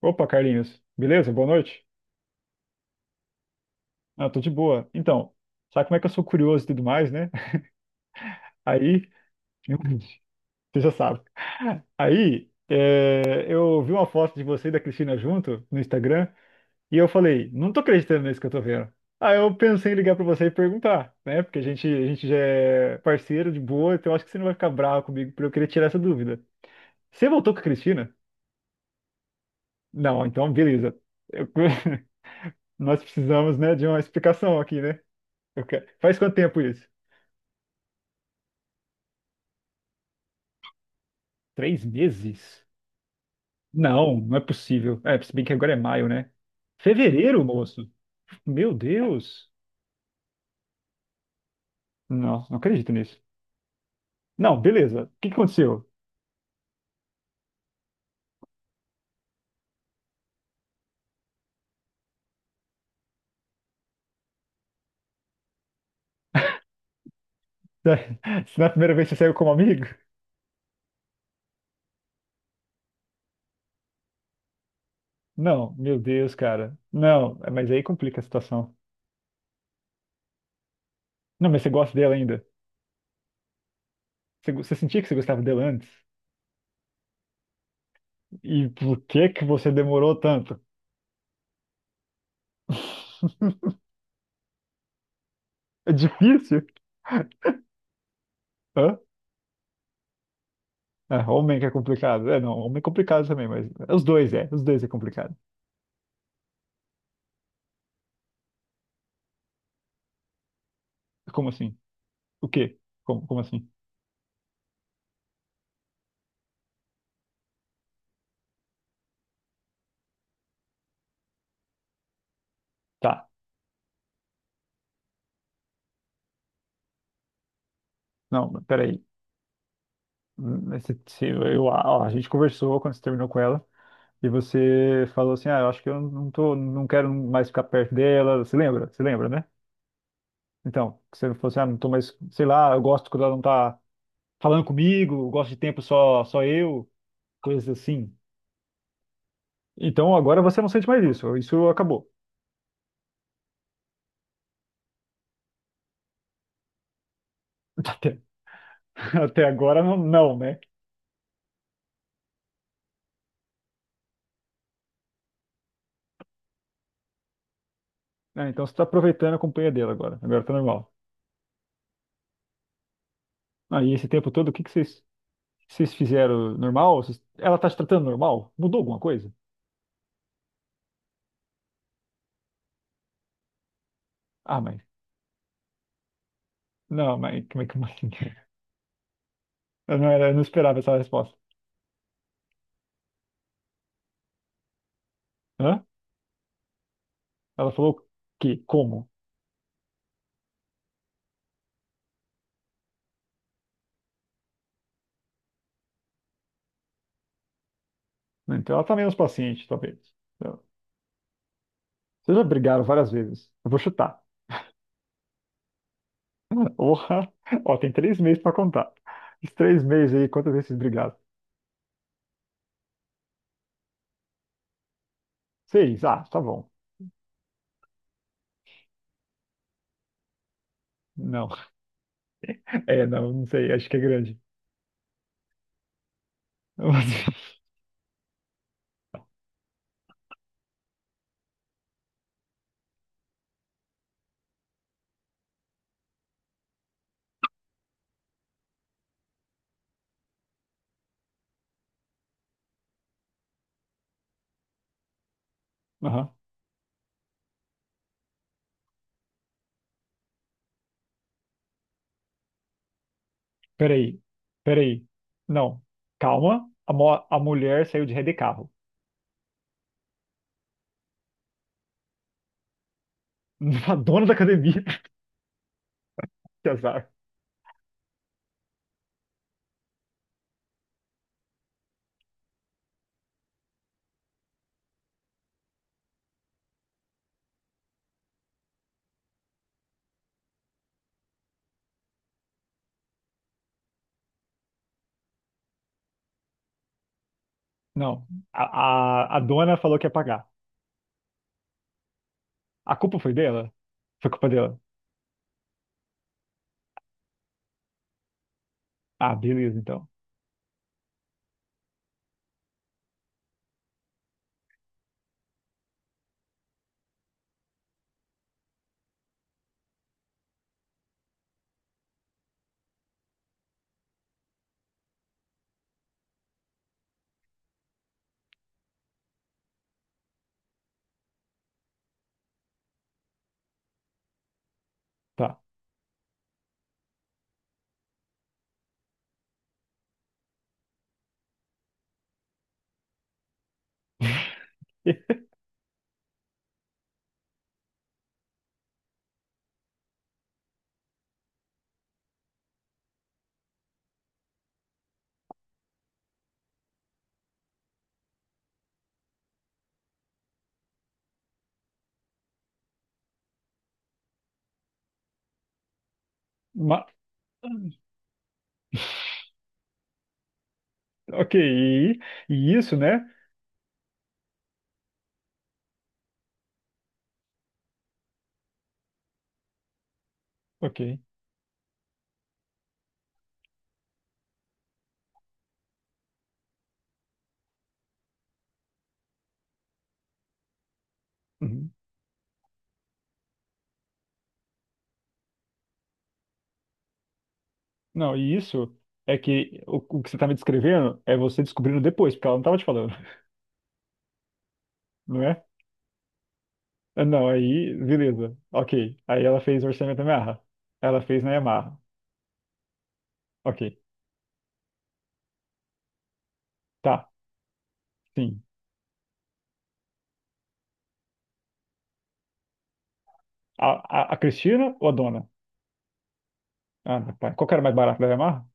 Opa, Carlinhos. Beleza? Boa noite. Ah, tô de boa. Então, sabe como é que eu sou curioso e tudo mais, né? Aí, você já sabe. Aí, é, eu vi uma foto de você e da Cristina junto no Instagram e eu falei, não tô acreditando nisso que eu tô vendo. Aí eu pensei em ligar pra você e perguntar, né? Porque a gente já é parceiro de boa, então eu acho que você não vai ficar bravo comigo por eu querer tirar essa dúvida. Você voltou com a Cristina? Não, então beleza. Eu- Nós precisamos, né, de uma explicação aqui, né? Eu quero- Faz quanto tempo isso? Três meses? Não, não é possível. É, se bem que agora é maio, né? Fevereiro, moço? Meu Deus! Não, não acredito nisso. Não, beleza. O que que aconteceu? Se na primeira vez você saiu como amigo? Não, meu Deus, cara. Não, é, mas aí complica a situação. Não, mas você gosta dela ainda? Você sentia que você gostava dela antes? E por que que você demorou tanto? É difícil? Hã? É, homem que é complicado. É, não, homem é complicado também, mas é os dois é, os dois é complicado. Como assim? O quê? Como assim? Tá. Não, mas peraí. Mas você- Eu, ó, a gente conversou quando você terminou com ela e você falou assim: ah, eu acho que eu não tô, não quero mais ficar perto dela. Você lembra? Você lembra, né? Então, que você falou assim: ah, não tô mais, sei lá, eu gosto quando ela não tá falando comigo, eu gosto de tempo só, só eu, coisas assim. Então agora você não sente mais isso, isso acabou. Até, até agora não, não, né? Ah, então você tá aproveitando a companhia dela agora, agora tá normal. Aí esse tempo todo, o que que vocês. Vocês fizeram normal? Vocês- Ela tá te tratando normal? Mudou alguma coisa? Ah, mas. Não, mas como é que como assim? Eu não, era, eu não esperava essa resposta. Hã? Ela falou que? Como? Então ela tá menos paciente, talvez. Então, vocês já brigaram várias vezes. Eu vou chutar. Porra! Ó, tem três meses pra contar. Os três meses aí, quantas vezes vocês brigaram? Seis. Ah, tá bom. Não. É, não, não sei. Acho que é grande. Aham. Peraí. Peraí. Não. Calma. A mulher saiu de ré de carro. A dona da academia, que azar. Não, a dona falou que ia pagar. A culpa foi dela? Foi culpa dela. Ah, beleza, então. Tá. Ma- Ok, e isso, né? Ok. Uhum. Não, e isso é que o que você tá me descrevendo é você descobrindo depois, porque ela não tava te falando, não é? Ah, não, aí, beleza, ok. Aí ela fez o orçamento da Yamaha. Ela fez na Yamaha. Ok, tá, sim. A, a Cristina ou a dona? Ah, meu pai. Qual que era mais barato da Yamaha?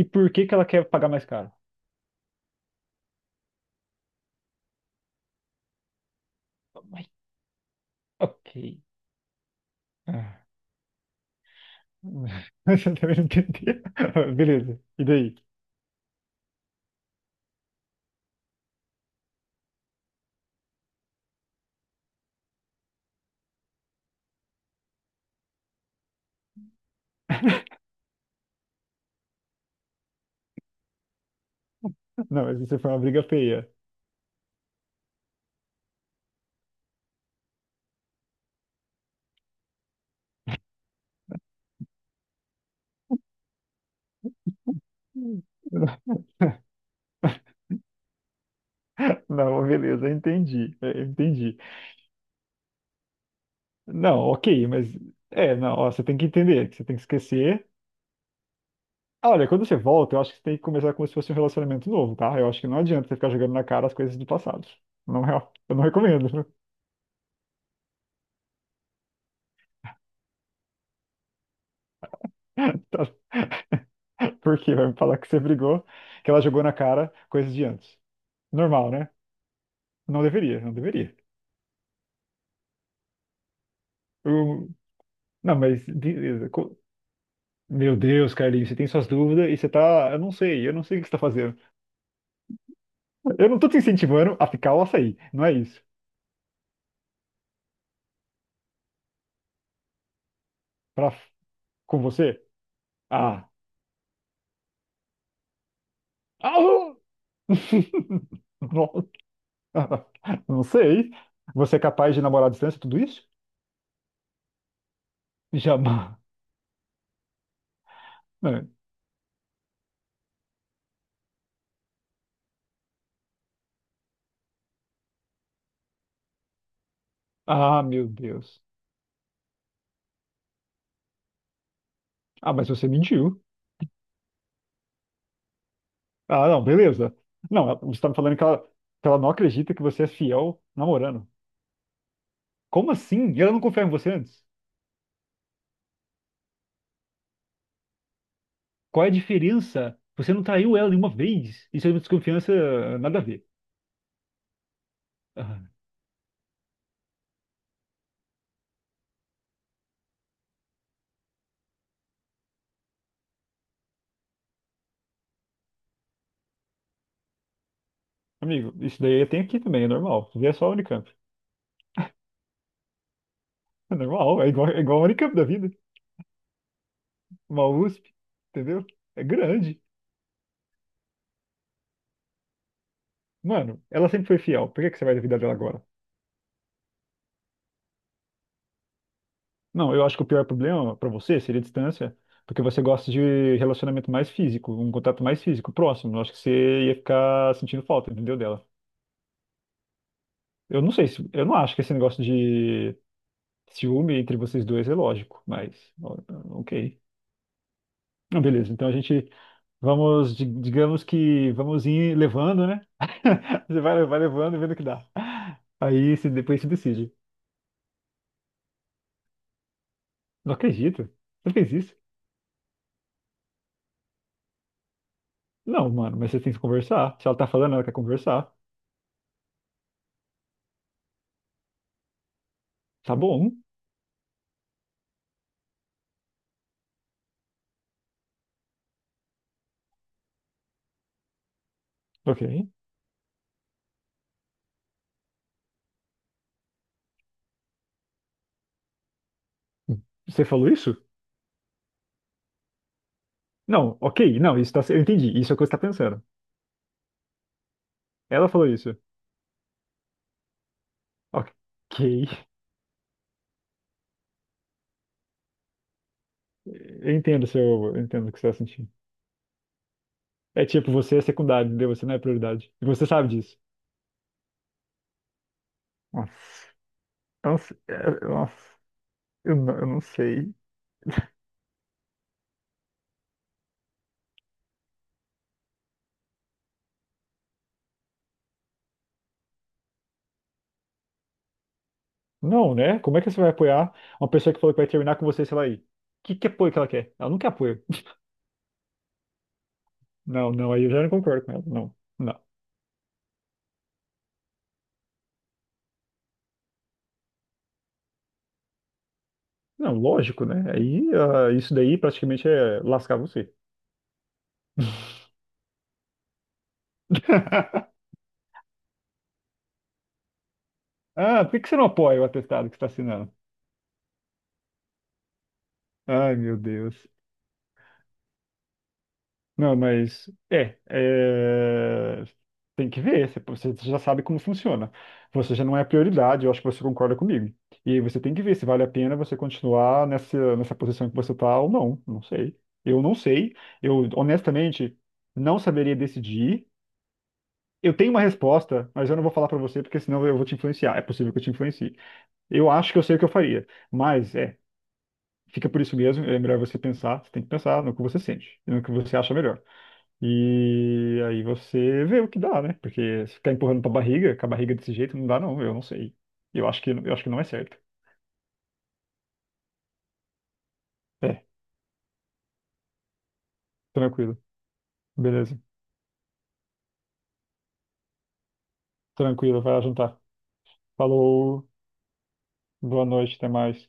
E por que que ela quer pagar mais caro? Mas, ok. Ah. Você também não entendeu. Beleza. E daí? Não, mas isso foi uma briga feia. Hum. Não, beleza, entendi. Entendi. Não, ok, mas. É, não, ó, você tem que entender, que você tem que esquecer. Olha, quando você volta, eu acho que você tem que começar como se fosse um relacionamento novo, tá? Eu acho que não adianta você ficar jogando na cara as coisas do passado. Não é, eu não recomendo. Tá- Por quê? Vai me falar que você brigou, que ela jogou na cara coisas de antes. Normal, né? Não deveria, não deveria. Eu- Não, mas beleza. Co- Meu Deus, Carlinhos, você tem suas dúvidas e você tá. Eu não sei o que você tá fazendo. Eu não tô te incentivando a ficar ou a sair, não é isso. Pra... Com você? Ah. Alô! Nossa. Não sei. Você é capaz de namorar à distância, tudo isso? Jamais. É. Ah, meu Deus. Ah, mas você mentiu. Ah, não, beleza. Não, ela- você tá me falando que ela não acredita que você é fiel namorando. Como assim? E ela não confiava em você antes? Qual é a diferença? Você não traiu ela nenhuma vez. Isso é uma desconfiança, nada a ver. Ah, amigo, isso daí tem aqui também, é normal. Isso daí é só a Unicamp. É normal, é igual a Unicamp da vida. Uma USP, entendeu? É grande. Mano, ela sempre foi fiel. Por que que você vai duvidar dela agora? Não, eu acho que o pior problema para você seria a distância, porque você gosta de relacionamento mais físico, um contato mais físico, próximo. Eu acho que você ia ficar sentindo falta, entendeu, dela. Eu não sei, se, eu não acho que esse negócio de ciúme entre vocês dois é lógico, mas ó, ok. Não, beleza, então a gente vamos, di- digamos que vamos ir levando, né? Você vai, vai levando e vendo o que dá. Aí se depois se decide. Não acredito. Você fez isso? Não, mano, mas você tem que conversar. Se ela tá falando, ela quer conversar. Tá bom. Ok. Você falou isso? Não, ok, não, isso tá, cer- eu entendi, isso é o que você tá pensando. Ela falou isso. Ok. Eu entendo o seu, eu entendo o que você tá sentindo. É tipo, você é secundário, entendeu? Você não é prioridade. E você sabe disso. Nossa, eu não sei. Nossa, eu não sei. Não, né? Como é que você vai apoiar uma pessoa que falou que vai terminar com você, sei lá aí? Que apoio que ela quer? Ela não quer apoio. Não, não, aí eu já não concordo com ela. Não, não. Não, lógico, né? Aí ah, isso daí praticamente é lascar você. Ah, por que que você não apoia o atestado que você está assinando? Ai, meu Deus. Não, mas tem que ver. Você já sabe como funciona. Você já não é prioridade. Eu acho que você concorda comigo. E aí você tem que ver se vale a pena você continuar nessa posição que você está ou não. Não sei. Eu não sei. Eu honestamente não saberia decidir. Eu tenho uma resposta, mas eu não vou falar para você porque senão eu vou te influenciar. É possível que eu te influencie. Eu acho que eu sei o que eu faria, mas é. Fica por isso mesmo. É melhor você pensar, você tem que pensar no que você sente, e no que você acha melhor. E aí você vê o que dá, né? Porque se ficar empurrando pra barriga, com a barriga desse jeito, não dá, não. Eu não sei. Eu acho que não é certo. É, tranquilo. Beleza. Tranquilo, vai lá jantar. Falou, boa noite, até mais.